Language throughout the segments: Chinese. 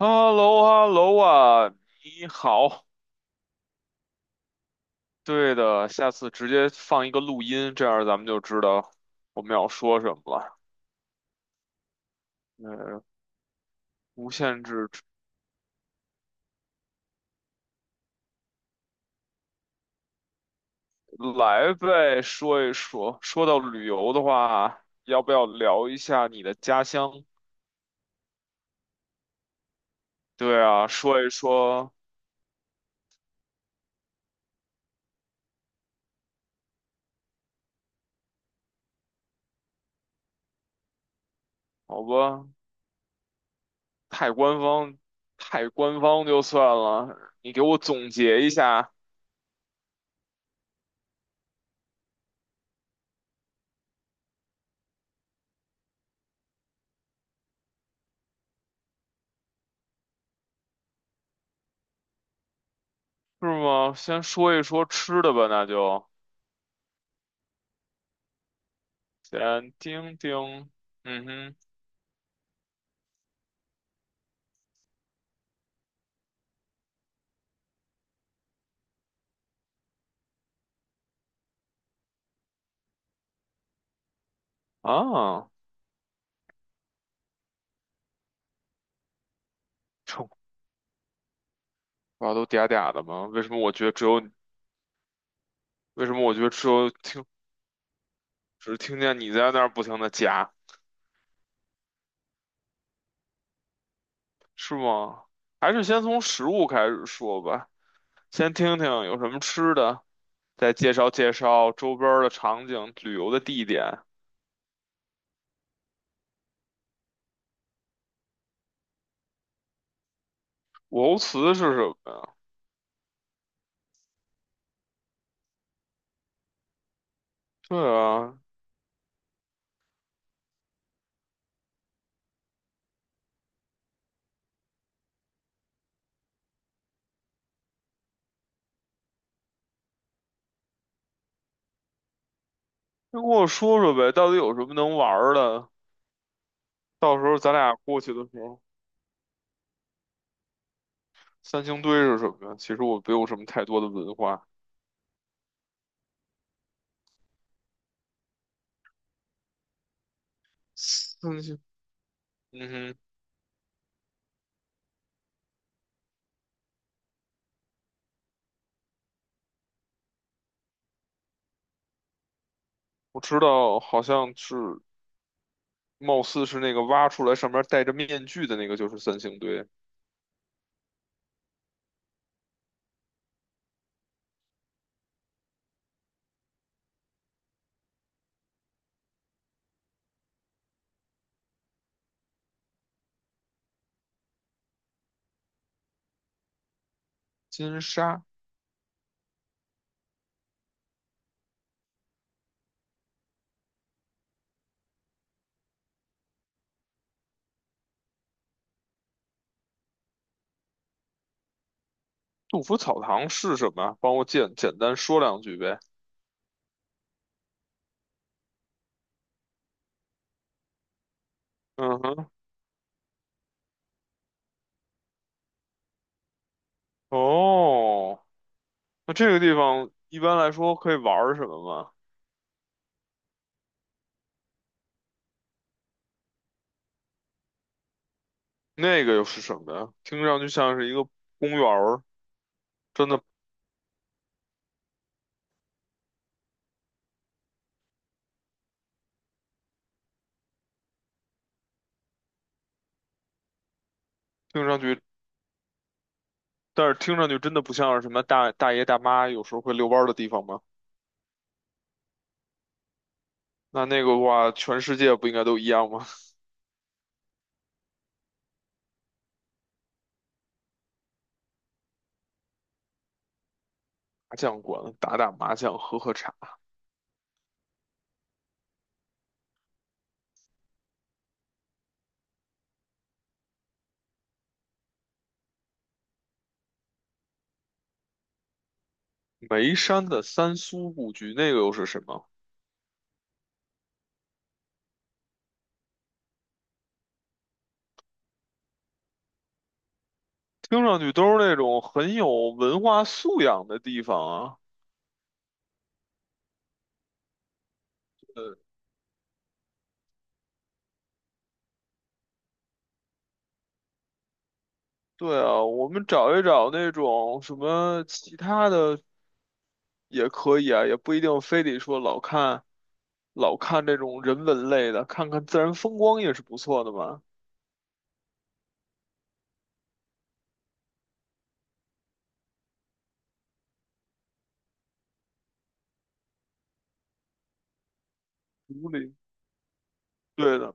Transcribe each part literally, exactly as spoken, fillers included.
h e l l o h e l l o 啊，你好。对的，下次直接放一个录音，这样咱们就知道我们要说什么了。嗯，无限制，来呗，说一说。说到旅游的话，要不要聊一下你的家乡？对啊，说一说，好吧，太官方，太官方就算了。你给我总结一下，是吗？先说一说吃的吧，那就先听听，嗯哼。啊，臭，瓜都嗲嗲的吗？为什么我觉得只有为什么我觉得只有听只听见你在那儿不停的夹，是吗？还是先从食物开始说吧，先听听有什么吃的，再介绍介绍周边儿的场景、旅游的地点。武侯祠是什么呀？对啊，先跟我说说呗，到底有什么能玩儿的？到时候咱俩过去的时候，三星堆是什么呀？其实我没有什么太多的文化。三星，嗯哼。我知道，好像是，貌似是那个挖出来上面戴着面具的那个，就是三星堆金沙杜甫草堂是什么？帮我简简单说两句呗。嗯哼，哦，那这个地方一般来说可以玩儿什么吗？那个又是什么呀？听上去像是一个公园儿，真的听上去，但是听上去真的不像是什么大大爷大妈有时候会遛弯儿的地方吗？那那个的话，全世界不应该都一样吗？麻将馆打打麻将，喝喝茶。眉山的三苏故居，那个又是什么？听上去都是那种很有文化素养的地方啊。呃，对啊，我们找一找那种什么其他的也可以啊，也不一定非得说老看老看这种人文类的，看看自然风光也是不错的嘛。竹林，对的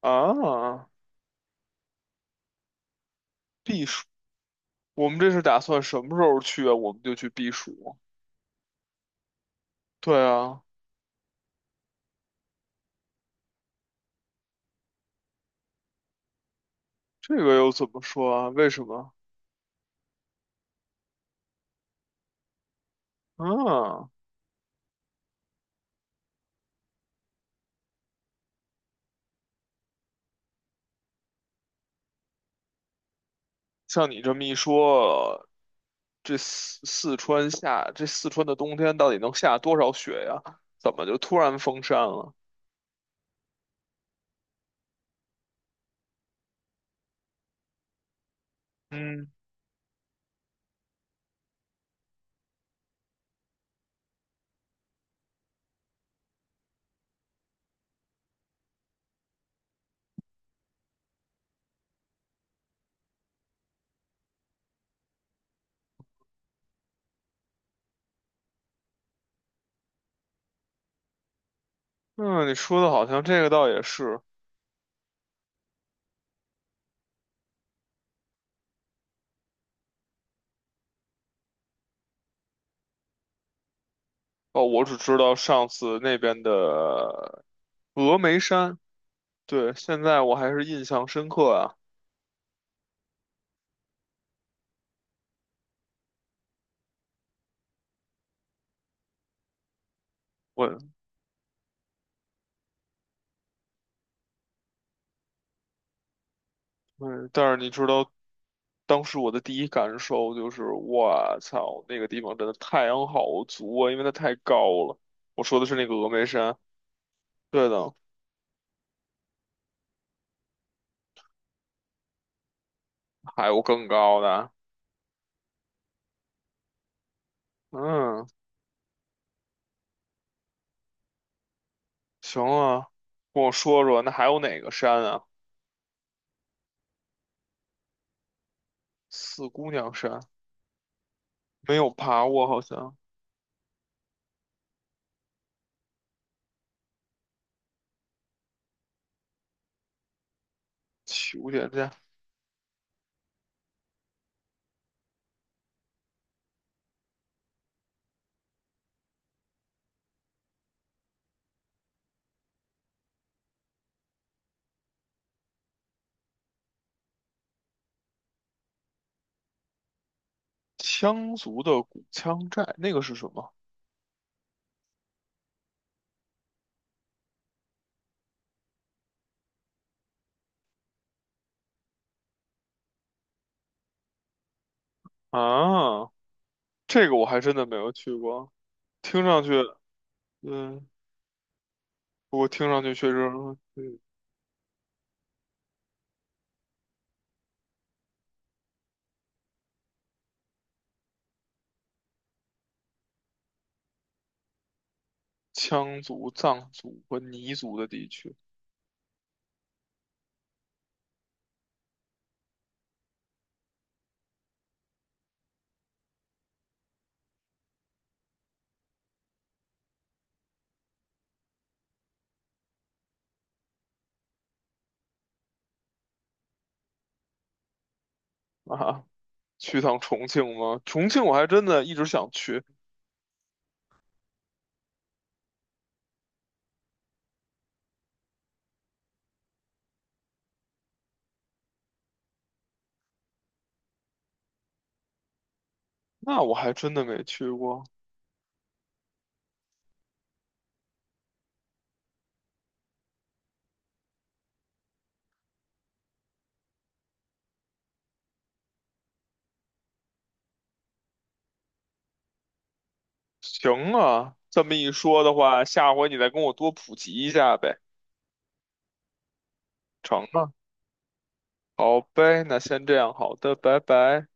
啊，避暑。我们这是打算什么时候去啊？我们就去避暑。对啊，这个又怎么说啊？为什么？啊？像你这么一说，这四四川下这四川的冬天到底能下多少雪呀？怎么就突然封山了？嗯，嗯，你说的好像这个倒也是哦。我只知道上次那边的峨眉山，对，现在我还是印象深刻啊。我，嗯，但是你知道当时我的第一感受就是，我操，那个地方真的太阳好足啊，因为它太高了。我说的是那个峨眉山，对的。还有更高的，嗯，行啊，跟我说说，那还有哪个山啊？四姑娘山没有爬过，好像求点赞。羌族的古羌寨那个是什么啊？这个我还真的没有去过，听上去，嗯，不过听上去确实，嗯羌族、藏族和彝族的地区啊，去趟重庆吗？重庆我还真的一直想去，那我还真的没去过。行啊，这么一说的话，下回你再跟我多普及一下呗，成啊，好呗，那先这样，好的，拜拜。